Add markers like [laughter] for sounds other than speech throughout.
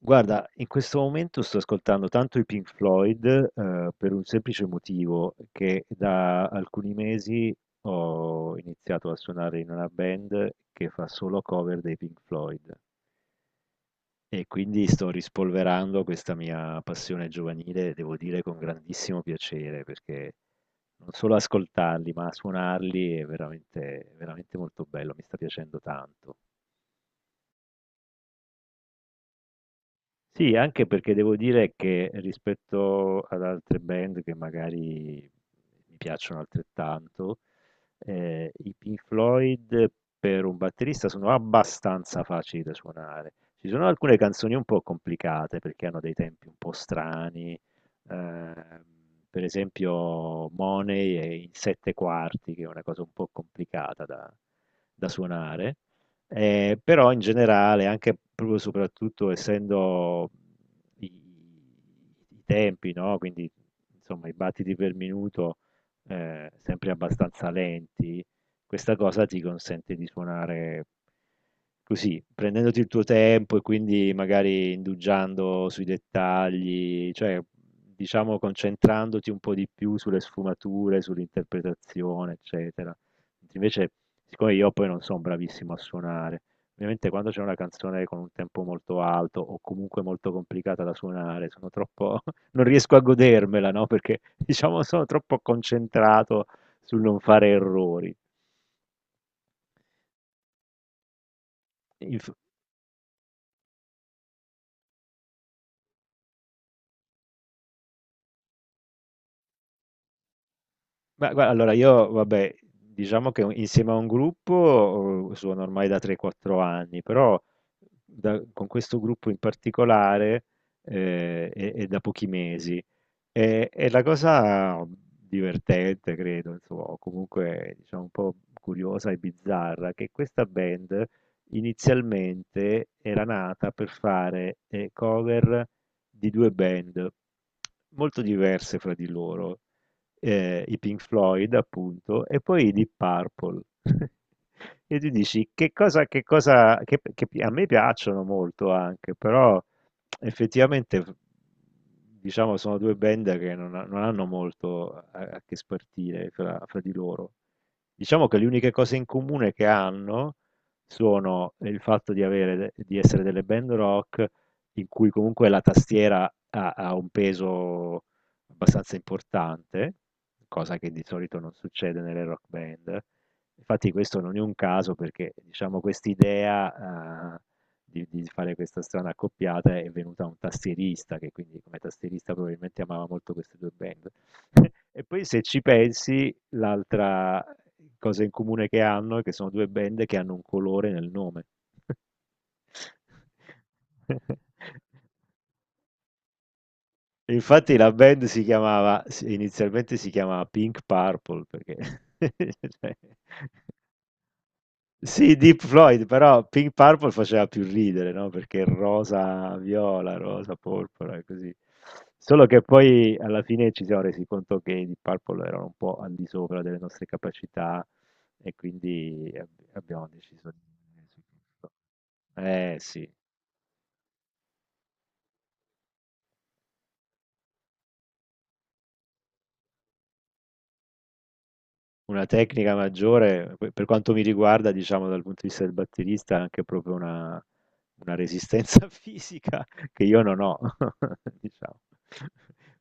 Guarda, in questo momento sto ascoltando tanto i Pink Floyd, per un semplice motivo, che da alcuni mesi ho iniziato a suonare in una band che fa solo cover dei Pink Floyd, e quindi sto rispolverando questa mia passione giovanile, devo dire con grandissimo piacere, perché non solo ascoltarli, ma suonarli è veramente, veramente molto bello, mi sta piacendo tanto. Sì, anche perché devo dire che rispetto ad altre band che magari mi piacciono altrettanto, i Pink Floyd per un batterista sono abbastanza facili da suonare. Ci sono alcune canzoni un po' complicate perché hanno dei tempi un po' strani, ehm, per esempio Money è in 7/4, che è una cosa un po' complicata da suonare. Però in generale, anche proprio soprattutto essendo i tempi, no? Quindi insomma i battiti per minuto sempre abbastanza lenti, questa cosa ti consente di suonare così, prendendoti il tuo tempo e quindi magari indugiando sui dettagli, cioè diciamo concentrandoti un po' di più sulle sfumature, sull'interpretazione, eccetera. Mentre Invece Siccome io poi non sono bravissimo a suonare, ovviamente quando c'è una canzone con un tempo molto alto o comunque molto complicata da suonare, sono troppo. [laughs] Non riesco a godermela, no? Perché [laughs] diciamo sono troppo concentrato sul non fare errori. Inf- Ma guarda, allora io, vabbè, diciamo che insieme a un gruppo suono ormai da 3-4 anni, però con questo gruppo in particolare è da pochi mesi. E la cosa divertente, credo, insomma, o comunque diciamo un po' curiosa e bizzarra, che questa band inizialmente era nata per fare cover di due band molto diverse fra di loro, i Pink Floyd, appunto, e poi i Deep Purple. [laughs] E tu dici che cosa, A me piacciono molto anche, però effettivamente, diciamo, sono due band che non hanno molto a che spartire fra di loro. Diciamo che le uniche cose in comune che hanno sono il fatto di avere, di essere delle band rock in cui comunque la tastiera ha un peso abbastanza importante, cosa che di solito non succede nelle rock band. Infatti questo non è un caso perché, diciamo, quest'idea, di fare questa strana accoppiata è venuta un tastierista che quindi come tastierista probabilmente amava molto queste due band. [laughs] E poi se ci pensi, l'altra cosa in comune che hanno è che sono due band che hanno un colore nel nome. [laughs] Infatti la band inizialmente si chiamava Pink Purple perché [laughs] cioè, sì, Deep Floyd, però Pink Purple faceva più ridere, no? Perché rosa viola, rosa porpora e così. Solo che poi alla fine ci siamo resi conto che i Deep Purple erano un po' al di sopra delle nostre capacità e quindi abbiamo deciso di... Eh sì, una tecnica maggiore, per quanto mi riguarda, diciamo dal punto di vista del batterista, è anche proprio una resistenza [laughs] fisica che io non ho, [laughs] diciamo.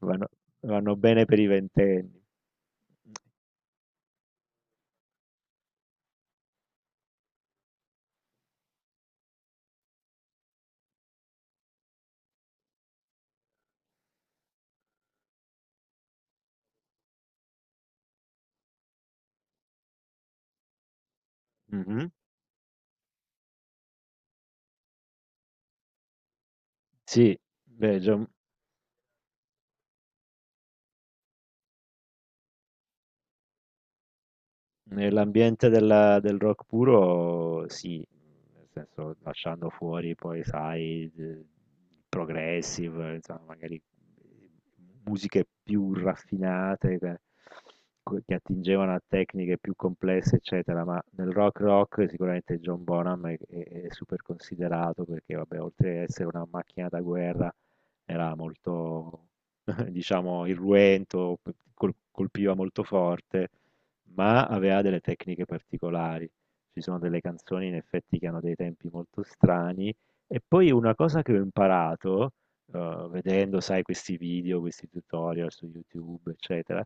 Vanno, vanno bene per i ventenni. Mhm. Sì, beh, già, nell'ambiente del rock puro, sì, nel senso lasciando fuori poi, sai, progressive, insomma, magari musiche più raffinate che attingevano a tecniche più complesse, eccetera, ma nel rock rock sicuramente John Bonham è super considerato perché, vabbè, oltre ad essere una macchina da guerra, era molto, [laughs] diciamo, irruento, colpiva molto forte, ma aveva delle tecniche particolari. Ci sono delle canzoni in effetti che hanno dei tempi molto strani. E poi una cosa che ho imparato, vedendo, sai, questi video, questi tutorial su YouTube, eccetera,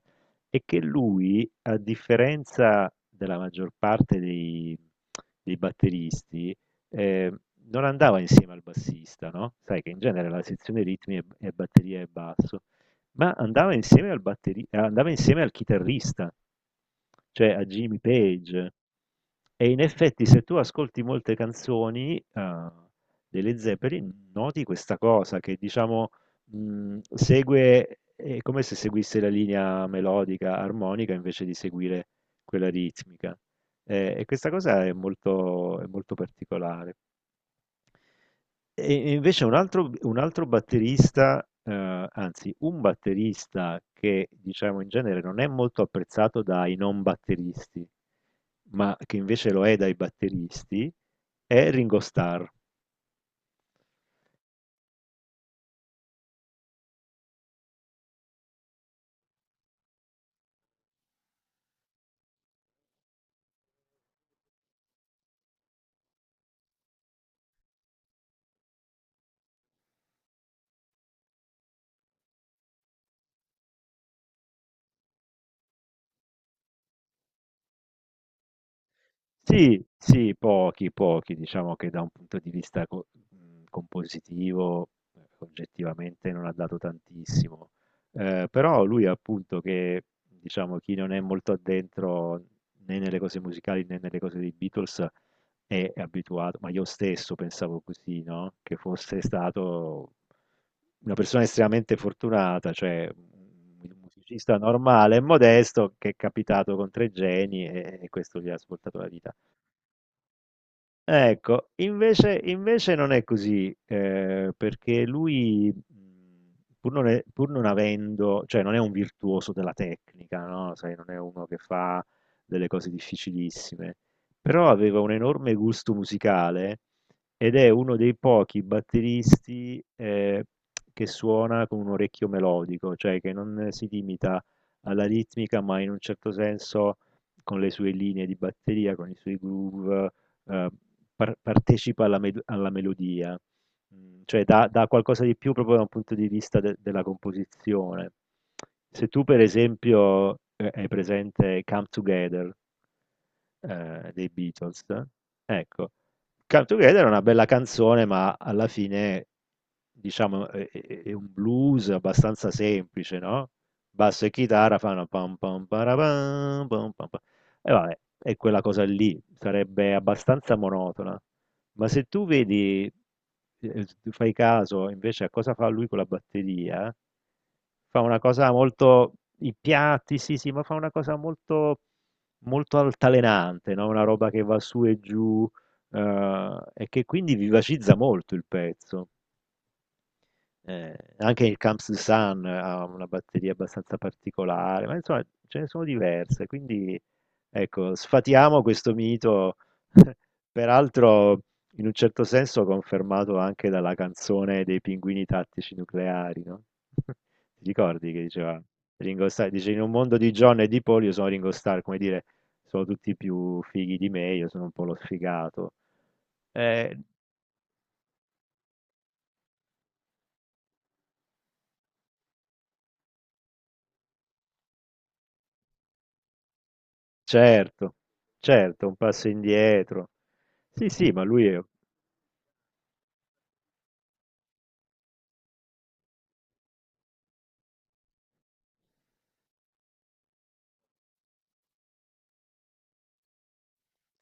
è che lui, a differenza della maggior parte dei batteristi, eh, non andava insieme al bassista, no? Sai che in genere la sezione ritmi è batteria e basso, ma andava insieme andava insieme al chitarrista, cioè a Jimmy Page. E in effetti, se tu ascolti molte canzoni delle Zeppelin, noti questa cosa che diciamo è come se seguisse la linea melodica, armonica, invece di seguire quella ritmica. E questa cosa è molto particolare. E invece un altro batterista, anzi un batterista che diciamo in genere non è molto apprezzato dai non batteristi, ma che invece lo è dai batteristi, è Ringo Starr. Sì, sì, pochi, pochi. Diciamo che da un punto di vista compositivo, oggettivamente non ha dato tantissimo. Però lui appunto che, diciamo, chi non è molto addentro né nelle cose musicali né nelle cose dei Beatles è abituato, ma io stesso pensavo così, no? Che fosse stato una persona estremamente fortunata, cioè un musicista normale e modesto che è capitato con tre geni e questo gli ha svoltato la vita. Ecco, invece, invece non è così, perché lui, pur non avendo, cioè non è un virtuoso della tecnica, no? Sai, non è uno che fa delle cose difficilissime, però aveva un enorme gusto musicale ed è uno dei pochi batteristi, che suona con un orecchio melodico, cioè che non si limita alla ritmica, ma in un certo senso con le sue linee di batteria, con i suoi groove, ehm, partecipa alla med alla melodia. Cioè dà qualcosa di più proprio da un punto di vista de della composizione. Se tu per esempio, hai presente Come Together dei Beatles. Ecco, Come Together è una bella canzone, ma alla fine, diciamo, è un blues abbastanza semplice, no? Basso e chitarra fanno pam pam parapam, pam pam pam. E vabbè, è quella cosa lì, sarebbe abbastanza monotona. Ma se tu vedi, tu fai caso invece a cosa fa lui con la batteria, fa una cosa molto, i piatti, sì, sì, ma fa una cosa molto altalenante, no, una roba che va su e giù, e che quindi vivacizza molto il pezzo. Anche il Camps de Sun ha una batteria abbastanza particolare, ma insomma ce ne sono diverse, quindi ecco, sfatiamo questo mito, [laughs] peraltro in un certo senso confermato anche dalla canzone dei Pinguini Tattici Nucleari, no? [laughs] Ti ricordi che diceva Ringo Starr, dice in un mondo di John e di Paul io sono Ringo Starr, come dire, sono tutti più fighi di me, io sono un po' lo sfigato. Eh, certo, certo, un passo indietro. Sì, sì, ma lui è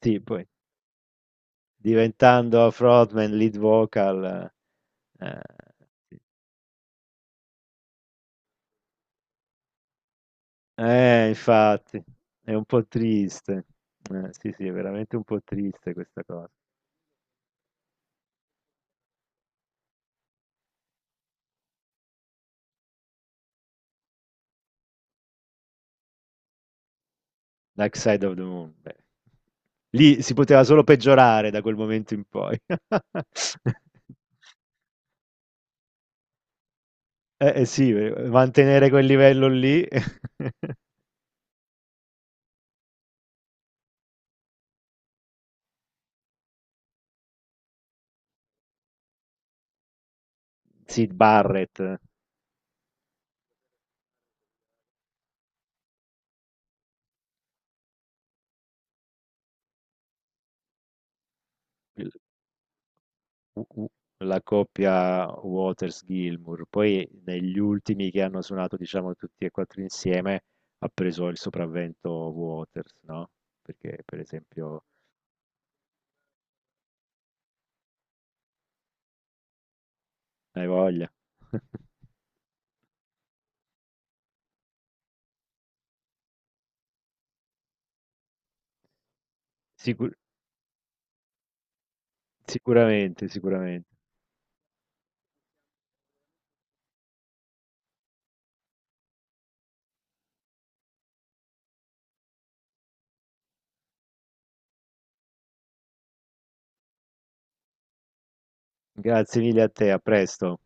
sì, poi diventando frontman, lead vocal, eh, sì. Infatti, è un po' triste. Sì, sì, è veramente un po' triste questa cosa. Dark Side of the Moon, beh. Lì si poteva solo peggiorare da quel momento in poi. [laughs] Sì, mantenere quel livello lì. [laughs] Sid Barrett, il U- u- la coppia Waters-Gilmour, poi negli ultimi che hanno suonato, diciamo, tutti e quattro insieme, ha preso il sopravvento Waters, no? Perché, per esempio, hai voglia. [laughs] Sicur- sicuramente, sicuramente. Grazie mille a te, a presto.